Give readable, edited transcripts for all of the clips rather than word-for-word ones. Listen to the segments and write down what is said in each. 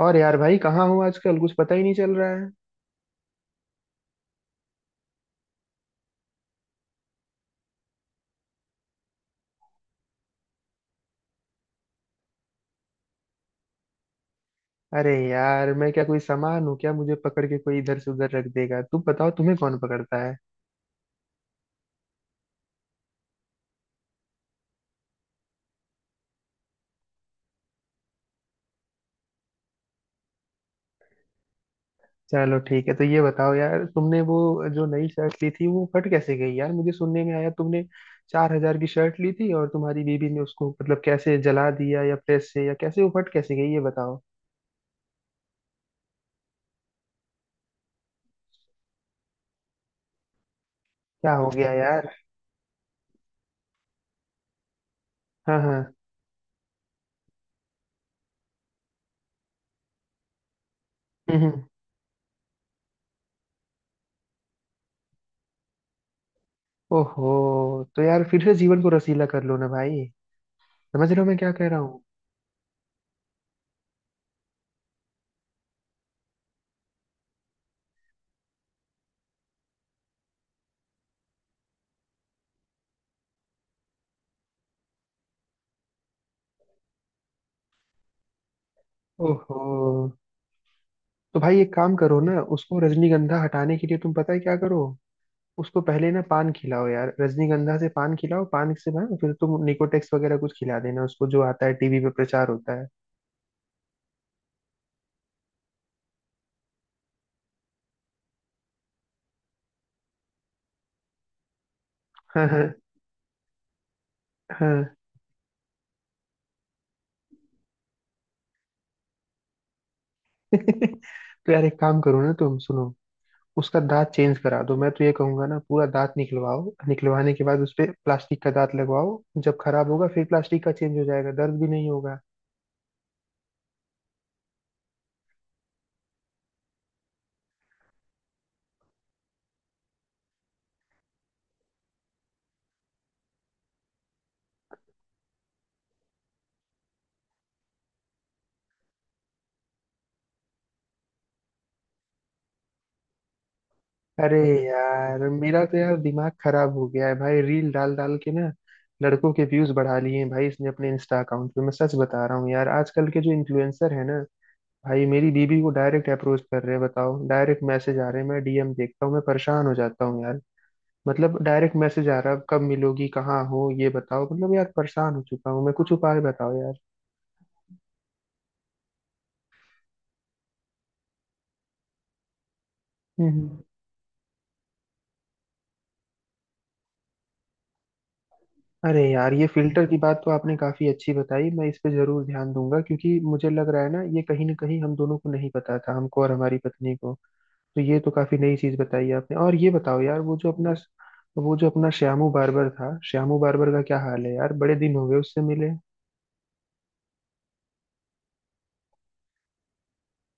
और यार भाई कहाँ हूँ आजकल, कुछ पता ही नहीं चल रहा है। अरे यार, मैं क्या कोई सामान हूँ क्या, मुझे पकड़ के कोई इधर से उधर रख देगा? तुम बताओ, तुम्हें कौन पकड़ता है? चलो ठीक है, तो ये बताओ यार, तुमने वो जो नई शर्ट ली थी वो फट कैसे गई? यार मुझे सुनने में आया तुमने 4 हजार की शर्ट ली थी, और तुम्हारी बीबी ने उसको मतलब कैसे जला दिया, या प्रेस से, या कैसे वो फट कैसे गई ये बताओ। क्या हो गया यार? हाँ हाँ। हम्म हम्म। ओहो। तो यार फिर से जीवन को रसीला कर लो ना भाई। समझ रहे हो मैं क्या कह रहा हूँ? ओहो। तो भाई एक काम करो ना, उसको रजनीगंधा हटाने के लिए तुम पता है क्या करो, उसको पहले ना पान खिलाओ यार, रजनीगंधा से पान खिलाओ, पान से ना फिर तुम निकोटेक्स वगैरह कुछ खिला देना उसको, जो आता है टीवी पे प्रचार होता है। हाँ हाँ। हाँ। तो यार एक काम करो ना, तुम सुनो, उसका दांत चेंज करा दो। मैं तो ये कहूंगा ना, पूरा दांत निकलवाओ, निकलवाने के बाद उस पे प्लास्टिक का दांत लगवाओ, जब खराब होगा फिर प्लास्टिक का चेंज हो जाएगा, दर्द भी नहीं होगा। अरे यार, मेरा तो यार दिमाग खराब हो गया है भाई, रील डाल डाल के ना लड़कों के व्यूज बढ़ा लिए हैं भाई इसने अपने इंस्टा अकाउंट पे। मैं सच बता रहा हूँ यार, आजकल के जो इन्फ्लुएंसर है ना भाई, मेरी बीबी को डायरेक्ट अप्रोच कर रहे हैं, बताओ, डायरेक्ट मैसेज आ रहे हैं। मैं डीएम देखता हूँ, मैं परेशान हो जाता हूँ यार। मतलब डायरेक्ट मैसेज आ रहा है, कब मिलोगी, कहाँ हो, ये बताओ। मतलब यार परेशान हो चुका हूँ मैं, कुछ उपाय बताओ यार। हम्म। अरे यार ये फिल्टर की बात तो आपने काफी अच्छी बताई, मैं इस पे जरूर ध्यान दूंगा, क्योंकि मुझे लग रहा है ना, ये कहीं ना कहीं हम दोनों को नहीं पता था, हमको और हमारी पत्नी को। तो ये तो काफी नई चीज बताई आपने। और ये बताओ यार, वो जो अपना श्यामू बार्बर था, श्यामू बार्बर का क्या हाल है यार, बड़े दिन हो गए उससे मिले।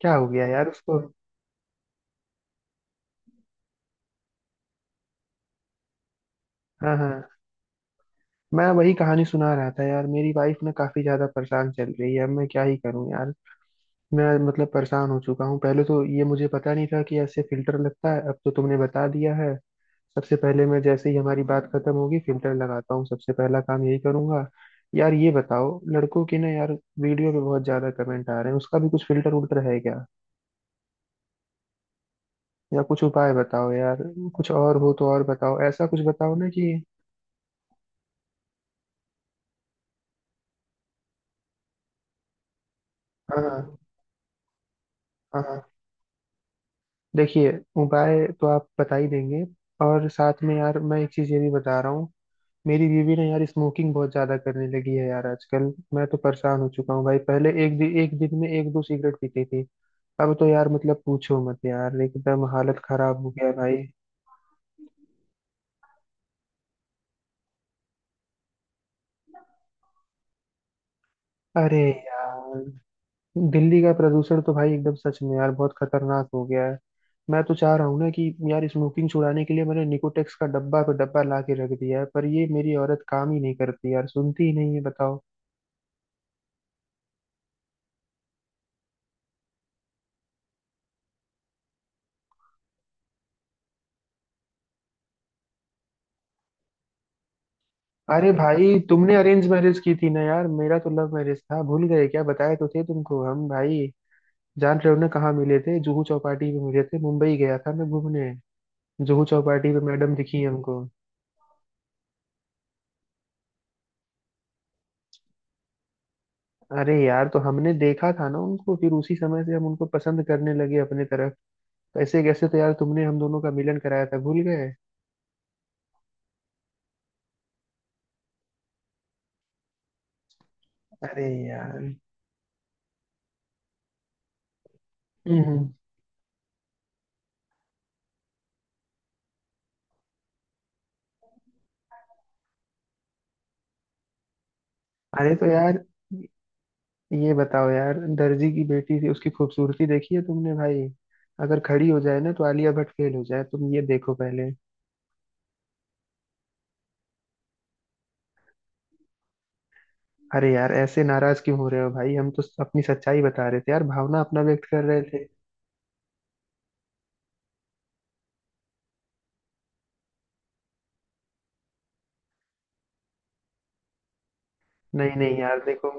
क्या हो गया यार उसको? हाँ हाँ। मैं वही कहानी सुना रहा था यार, मेरी वाइफ ना काफी ज्यादा परेशान चल रही है, अब मैं क्या ही करूँ यार। मैं मतलब परेशान हो चुका हूँ, पहले तो ये मुझे पता नहीं था कि ऐसे फिल्टर लगता है, अब तो तुमने बता दिया है। सबसे पहले मैं जैसे ही हमारी बात खत्म होगी फिल्टर लगाता हूँ, सबसे पहला काम यही करूंगा। यार ये बताओ, लड़कों की ना यार वीडियो पे बहुत ज्यादा कमेंट आ रहे हैं, उसका भी कुछ फिल्टर उल्टर है क्या, या कुछ उपाय बताओ यार। कुछ और हो तो और बताओ, ऐसा कुछ बताओ ना कि। हाँ। हाँ हाँ। देखिए, उपाय तो आप बता ही देंगे, और साथ में यार मैं एक चीज ये भी बता रहा हूँ, मेरी बीवी ने यार स्मोकिंग बहुत ज्यादा करने लगी है यार आजकल। मैं तो परेशान हो चुका हूँ भाई, पहले एक दिन में एक दो सिगरेट पीती थी, अब तो यार मतलब पूछो मत यार, एकदम हालत खराब हो गया है भाई। अरे यार, दिल्ली का प्रदूषण तो भाई एकदम सच में यार बहुत खतरनाक हो गया है। मैं तो चाह रहा हूँ ना कि यार स्मोकिंग छुड़ाने के लिए मैंने निकोटेक्स का डब्बा पे डब्बा ला के रख दिया है, पर ये मेरी औरत काम ही नहीं करती यार, सुनती ही नहीं है, बताओ। अरे भाई, तुमने अरेंज मैरिज की थी ना यार, मेरा तो लव मैरिज था, भूल गए क्या, बताए तो थे तुमको हम भाई, जान रहे हो ना, कहाँ मिले थे? जुहू चौपाटी पे मिले थे, मुंबई गया था मैं घूमने, जुहू चौपाटी पे मैडम दिखी हमको। अरे यार तो हमने देखा था ना उनको, फिर उसी समय से हम उनको पसंद करने लगे अपने तरफ। कैसे कैसे तो यार तुमने हम दोनों का मिलन कराया था, भूल गए? अरे यार। हम्म हम्म। अरे तो यार ये बताओ यार, दर्जी की बेटी थी उसकी खूबसूरती देखी है तुमने भाई? अगर खड़ी हो जाए ना तो आलिया भट्ट फेल हो जाए, तुम ये देखो पहले। अरे यार ऐसे नाराज क्यों हो रहे हो भाई, हम तो अपनी सच्चाई बता रहे थे यार, भावना अपना व्यक्त कर रहे थे। नहीं नहीं यार देखो,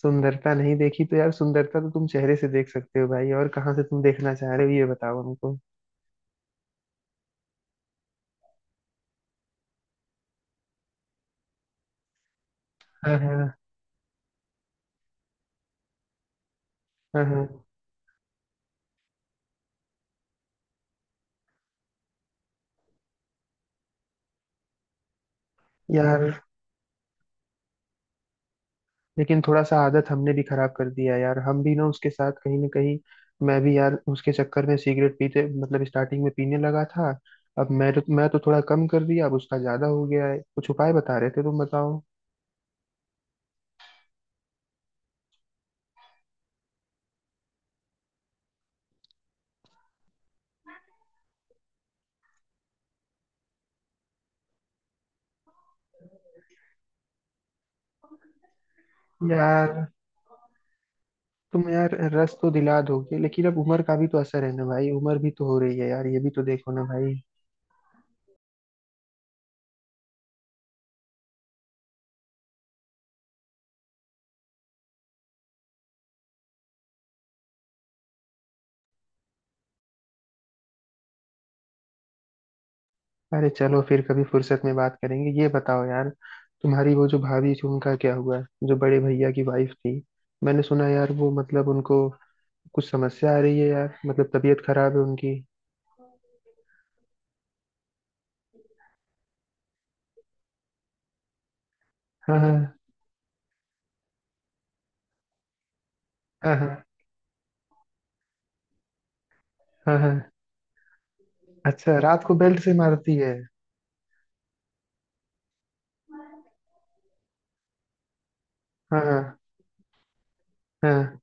सुंदरता नहीं देखी तो यार, सुंदरता तो तुम चेहरे से देख सकते हो भाई, और कहाँ से तुम देखना चाह रहे हो ये बताओ हमको। हाँ हाँ। हाँ हाँ। यार लेकिन थोड़ा सा आदत हमने भी खराब कर दिया यार, हम भी ना उसके साथ कहीं ना कहीं, मैं भी यार उसके चक्कर में सिगरेट पीते मतलब स्टार्टिंग में पीने लगा था। अब मैं तो थोड़ा कम कर दिया, अब उसका ज्यादा हो गया है, कुछ उपाय बता रहे थे तुम, बताओ यार। तुम यार रस तो दिला दोगे, लेकिन अब उम्र का भी तो असर है ना भाई, उम्र भी तो हो रही है यार, ये भी तो देखो ना भाई। अरे चलो फिर कभी फुर्सत में बात करेंगे। ये बताओ यार, तुम्हारी वो जो भाभी थी, उनका क्या हुआ? जो बड़े भैया की वाइफ थी, मैंने सुना यार वो मतलब उनको कुछ समस्या आ रही है यार, मतलब तबीयत खराब है उनकी। हाँ हाँ। हाँ हाँ। हाँ हाँ। अच्छा, रात को बेल्ट से मारती है? हाँ हाँ। हाँ।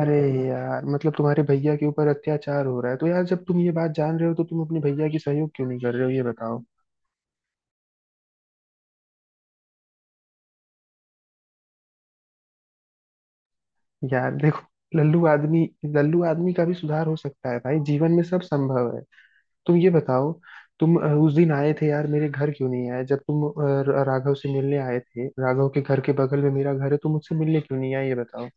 अरे यार, मतलब तुम्हारे भैया के ऊपर अत्याचार हो रहा है, तो यार जब तुम ये बात जान रहे हो तो तुम अपने भैया की सहयोग क्यों नहीं कर रहे हो, ये बताओ। यार देखो, लल्लू आदमी, लल्लू आदमी का भी सुधार हो सकता है भाई, जीवन में सब संभव है। तुम ये बताओ, तुम उस दिन आए थे यार, मेरे घर क्यों नहीं आए जब तुम राघव से मिलने आए थे? राघव के घर के बगल में मेरा घर है, तुम मुझसे मिलने क्यों नहीं आए ये बताओ।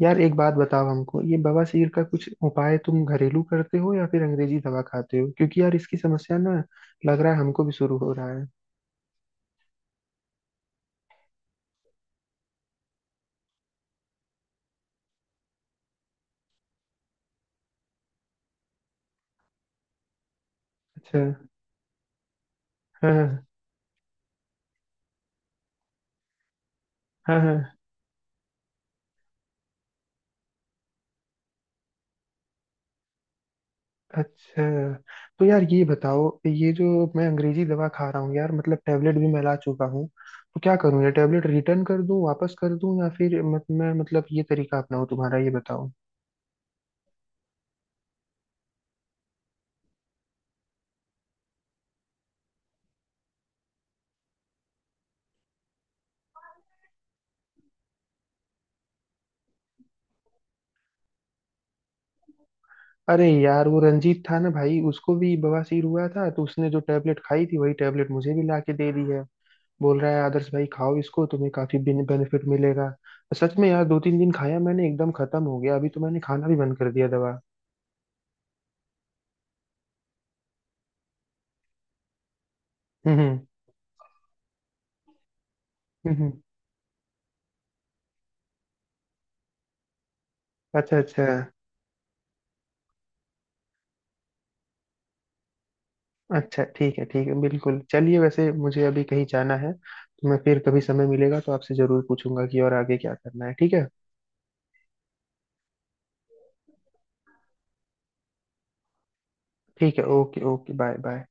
यार एक बात बताओ हमको, ये बवासीर का कुछ उपाय तुम घरेलू करते हो या फिर अंग्रेजी दवा खाते हो, क्योंकि यार इसकी समस्या ना लग रहा है हमको भी शुरू हो रहा है। अच्छा। हाँ। हाँ हाँ। अच्छा, तो यार ये बताओ, ये जो मैं अंग्रेजी दवा खा रहा हूँ यार, मतलब टेबलेट भी मैं ला चुका हूँ, तो क्या करूँ, ये टेबलेट रिटर्न कर दूँ, वापस कर दूँ, या फिर मत, मैं मतलब ये तरीका अपनाऊँ तुम्हारा, ये बताओ। अरे यार, वो रंजीत था ना भाई, उसको भी बवासीर हुआ था, तो उसने जो टेबलेट खाई थी वही टेबलेट मुझे भी ला के दे दी है, बोल रहा है आदर्श भाई खाओ इसको तुम्हें काफी बेनिफिट मिलेगा। सच में यार दो तीन दिन खाया मैंने एकदम खत्म हो गया, अभी तो मैंने खाना भी बंद कर दिया दवा। हम्म। हम्म। अच्छा अच्छा। अच्छा ठीक है, ठीक है, बिल्कुल चलिए, वैसे मुझे अभी कहीं जाना है, तो मैं फिर कभी समय मिलेगा तो आपसे जरूर पूछूंगा कि और आगे क्या करना है, ठीक है? ठीक है, ओके ओके, बाय बाय।